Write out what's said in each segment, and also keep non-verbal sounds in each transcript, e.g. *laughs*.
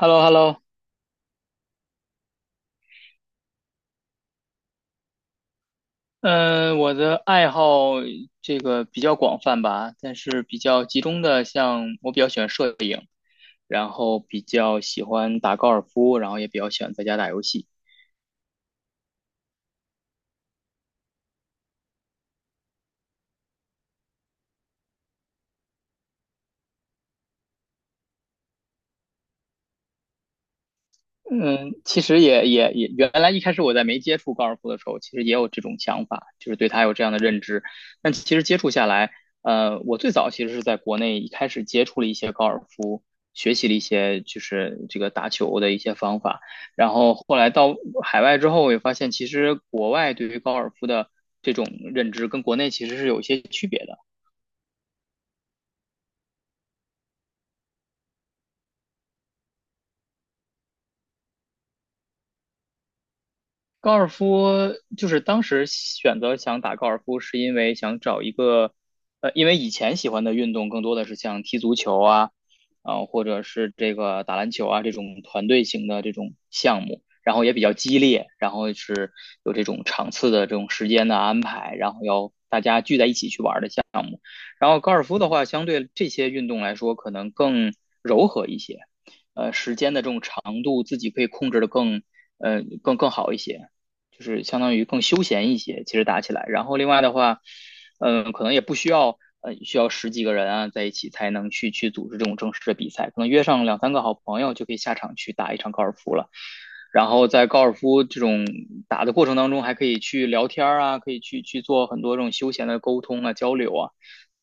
h e l l o h e l l o. 嗯，我的爱好这个比较广泛吧，但是比较集中的，像我比较喜欢摄影，然后比较喜欢打高尔夫，然后也比较喜欢在家打游戏。嗯，其实也，原来一开始我在没接触高尔夫的时候，其实也有这种想法，就是对它有这样的认知。但其实接触下来，我最早其实是在国内一开始接触了一些高尔夫，学习了一些就是这个打球的一些方法。然后后来到海外之后，我也发现其实国外对于高尔夫的这种认知跟国内其实是有一些区别的。高尔夫就是当时选择想打高尔夫，是因为想找一个，因为以前喜欢的运动更多的是像踢足球啊，啊、或者是这个打篮球啊这种团队型的这种项目，然后也比较激烈，然后是有这种场次的这种时间的安排，然后要大家聚在一起去玩的然后高尔夫的话，相对这些运动来说，可能更柔和一些，时间的这种长度自己可以控制的更好一些，就是相当于更休闲一些。其实打起来，然后另外的话，嗯、可能也不需要，需要十几个人啊在一起才能去组织这种正式的比赛，可能约上两三个好朋友就可以下场去打一场高尔夫了。然后在高尔夫这种打的过程当中，还可以去聊天啊，可以去做很多这种休闲的沟通啊、交流啊。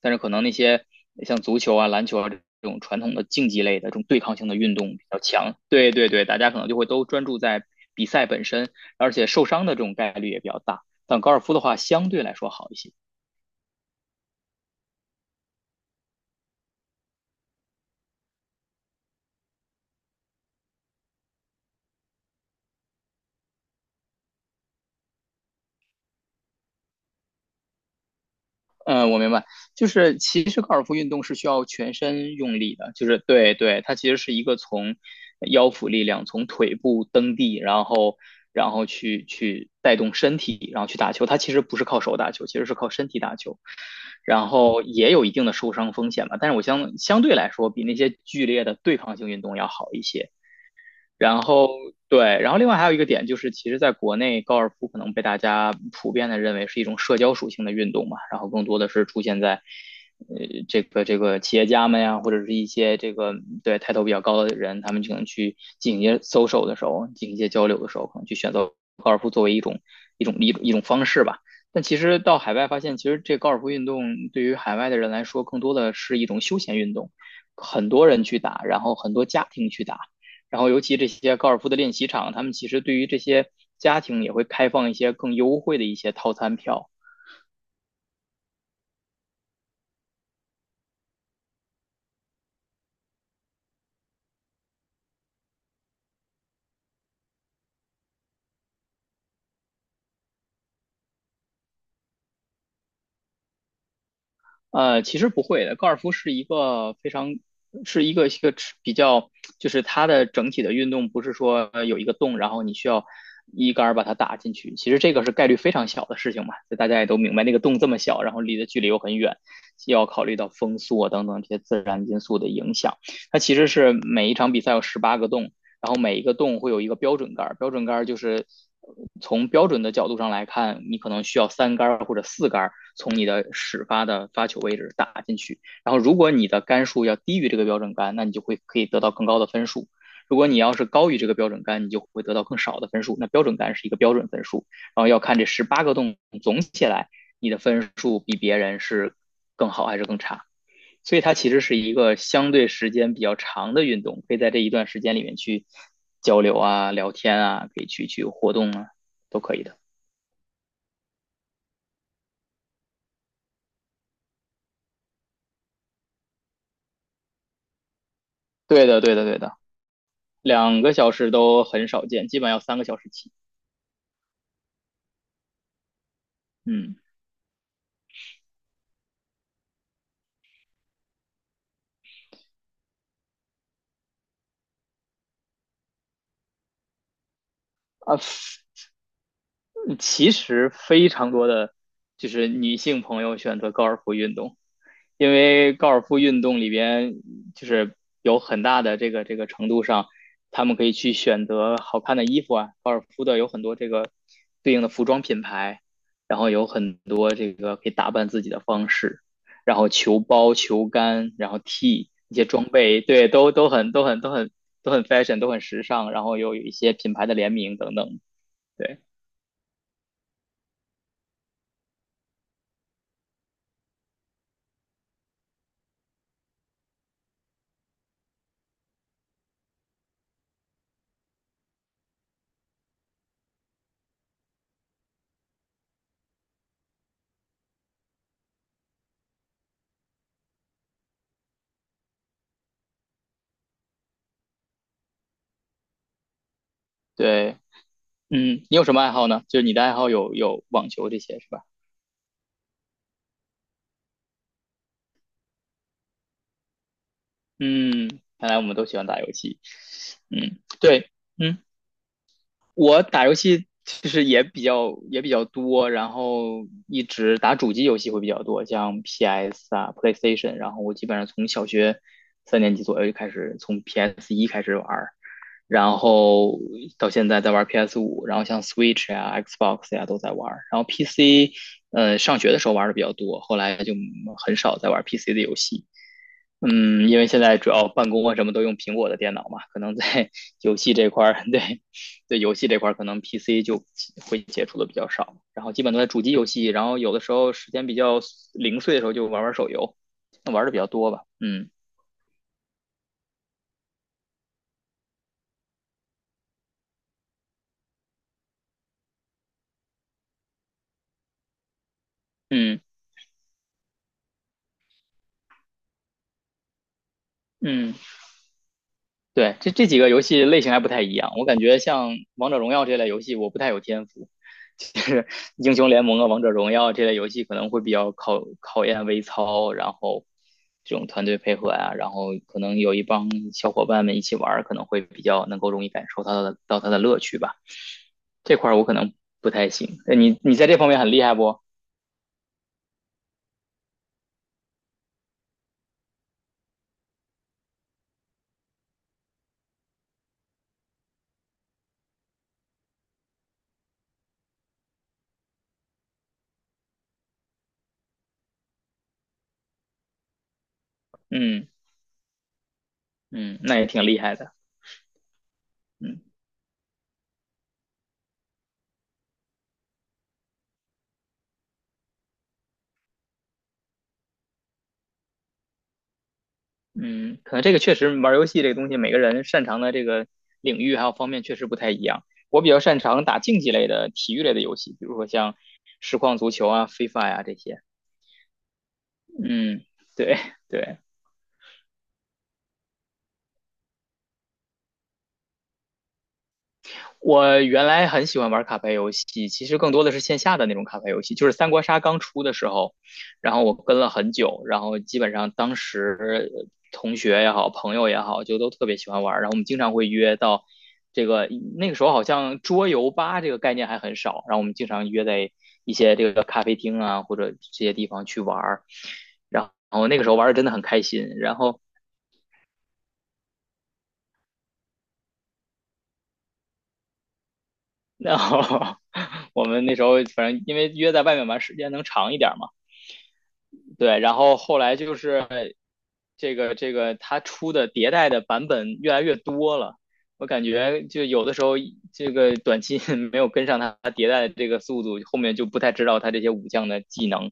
但是可能那些像足球啊、篮球啊这种传统的竞技类的这种对抗性的运动比较强，对对对，大家可能就会都专注在比赛本身，而且受伤的这种概率也比较大。但高尔夫的话，相对来说好一些。嗯，我明白，就是其实高尔夫运动是需要全身用力的，就是对对，它其实是一个从腰腹力量，从腿部蹬地，然后去带动身体，然后去打球，它其实不是靠手打球，其实是靠身体打球，然后也有一定的受伤风险吧，但是我相对来说比那些剧烈的对抗性运动要好一些。然后对，然后另外还有一个点就是，其实在国内高尔夫可能被大家普遍的认为是一种社交属性的运动嘛，然后更多的是出现在这个企业家们呀，或者是一些这个对抬头比较高的人，他们可能去进行一些 social 的时候，进行一些交流的时候，可能去选择高尔夫作为一种方式吧。但其实到海外发现，其实这高尔夫运动对于海外的人来说，更多的是一种休闲运动，很多人去打，然后很多家庭去打。然后尤其这些高尔夫的练习场，他们其实对于这些家庭也会开放一些更优惠的一些套餐票。其实不会的，高尔夫是一个非常是一个比较，就是它的整体的运动不是说有一个洞，然后你需要一杆把它打进去，其实这个是概率非常小的事情嘛，就大家也都明白，那个洞这么小，然后离的距离又很远，又要考虑到风速啊等等这些自然因素的影响。它其实是每一场比赛有十八个洞，然后每一个洞会有一个标准杆儿，标准杆儿就是从标准的角度上来看，你可能需要三杆或者四杆从你的始发的发球位置打进去。然后如果你的杆数要低于这个标准杆，那你就会可以得到更高的分数。如果你要是高于这个标准杆，你就会得到更少的分数。那标准杆是一个标准分数，然后要看这十八个洞总起来，你的分数比别人是更好还是更差。所以它其实是一个相对时间比较长的运动，可以在这一段时间里面去交流啊、聊天啊，可以去活动啊，都可以的。对的，对的，对的，2个小时都很少见，基本要3个小时起。嗯。嗯其实非常多的就是女性朋友选择高尔夫运动，因为高尔夫运动里边就是有很大的这个程度上，他们可以去选择好看的衣服啊，高尔夫的有很多这个对应的服装品牌，然后有很多这个可以打扮自己的方式，然后球包、球杆，然后 t 一些装备，对，都很 fashion，都很时尚，然后又有一些品牌的联名等等，对对。嗯，你有什么爱好呢？就是你的爱好有网球这些是吧？嗯，看来我们都喜欢打游戏。嗯，对，嗯。我打游戏其实也比较多，然后一直打主机游戏会比较多，像 PS 啊、PlayStation，然后我基本上从小学三年级左右就开始从 PS 一开始玩儿，然后到现在在玩 PS 五，然后像 Switch 呀、Xbox 呀都在玩儿，然后 PC，上学的时候玩的比较多，后来就很少在玩 PC 的游戏。嗯，因为现在主要办公啊什么都用苹果的电脑嘛，可能在 *laughs* 游戏这块儿，对，对游戏这块儿可能 PC 就会接触的比较少，然后基本都在主机游戏，然后有的时候时间比较零碎的时候就玩玩手游，玩的比较多吧，嗯嗯嗯，对，这几个游戏类型还不太一样，我感觉像王者荣耀这类游戏我不太有天赋，其实 *laughs* 英雄联盟啊、王者荣耀这类游戏可能会比较考验微操，然后这种团队配合呀、啊然后可能有一帮小伙伴们一起玩可能会比较能够容易感受到的到它的乐趣吧。这块儿我可能不太行。你在这方面很厉害不？嗯嗯，那也挺厉害的。嗯嗯，可能这个确实玩游戏这个东西，每个人擅长的这个领域还有方面确实不太一样。我比较擅长打竞技类的体育类的游戏，比如说像实况足球啊、FIFA 呀、啊这些。嗯，对对，我原来很喜欢玩卡牌游戏，其实更多的是线下的那种卡牌游戏，就是三国杀刚出的时候，然后我跟了很久，然后基本上当时同学也好，朋友也好，就都特别喜欢玩，然后我们经常会约到这个那个时候好像桌游吧这个概念还很少，然后我们经常约在一些这个咖啡厅啊或者这些地方去玩，然后那个时候玩的真的很开心，然后然后 *laughs* 我们那时候反正因为约在外面玩时间能长一点嘛。对，然后后来就是这个它出的迭代的版本越来越多了，我感觉就有的时候这个短期 *laughs* 没有跟上它迭代的这个速度，后面就不太知道它这些武将的技能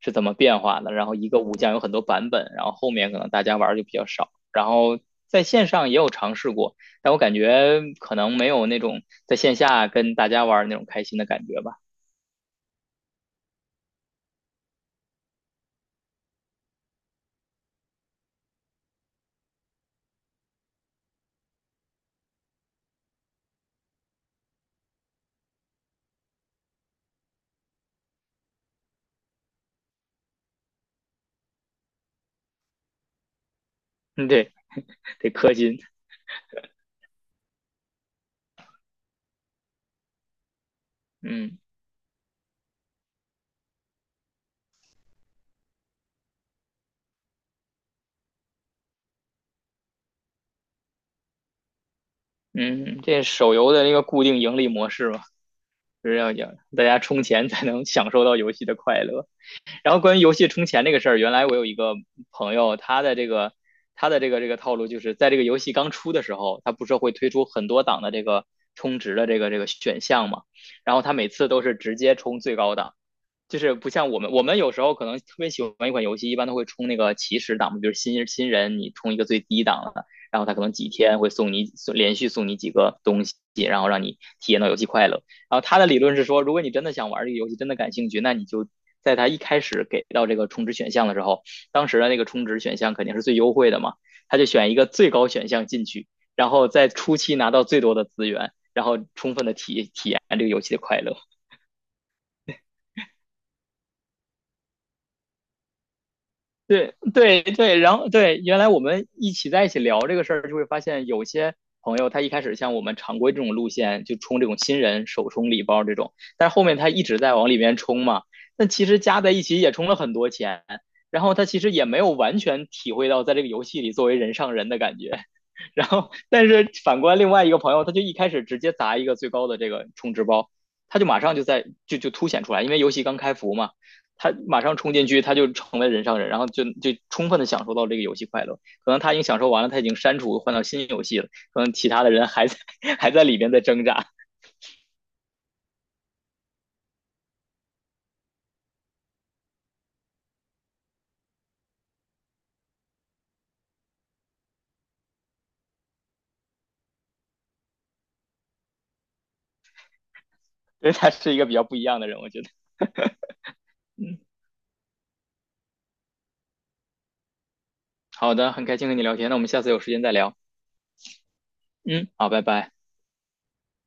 是怎么变化的。然后一个武将有很多版本，然后后面可能大家玩儿就比较少。然后在线上也有尝试过，但我感觉可能没有那种在线下跟大家玩儿那种开心的感觉吧。*laughs* 嗯，对，得氪金。嗯。嗯，这手游的一个固定盈利模式嘛，就是要大家充钱才能享受到游戏的快乐。然后关于游戏充钱这个事儿，原来我有一个朋友，他的这个套路就是在这个游戏刚出的时候，他不是会推出很多档的这个充值的选项嘛，然后他每次都是直接充最高档，就是不像我们，我们有时候可能特别喜欢一款游戏，一般都会充那个起始档，比如新人你充一个最低档的，然后他可能几天会送你送连续送你几个东西，然后让你体验到游戏快乐。然后他的理论是说，如果你真的想玩这个游戏，真的感兴趣，那你就在他一开始给到这个充值选项的时候，当时的那个充值选项肯定是最优惠的嘛，他就选一个最高选项进去，然后在初期拿到最多的资源，然后充分的体验这个游戏的快乐。对对对，然后对，原来我们一起在一起聊这个事儿，就会发现有些朋友他一开始像我们常规这种路线，就充这种新人首充礼包这种，但是后面他一直在往里面充嘛，那其实加在一起也充了很多钱，然后他其实也没有完全体会到在这个游戏里作为人上人的感觉，*laughs* 然后但是反观另外一个朋友，他就一开始直接砸一个最高的这个充值包，他就马上就在就就凸显出来，因为游戏刚开服嘛。他马上冲进去，他就成为人上人，然后就充分的享受到这个游戏快乐。可能他已经享受完了，他已经删除换到新游戏了，可能其他的人还在里边在挣扎，所以他是一个比较不一样的人，我觉得。好的，很开心和你聊天，那我们下次有时间再聊。嗯，好，拜拜。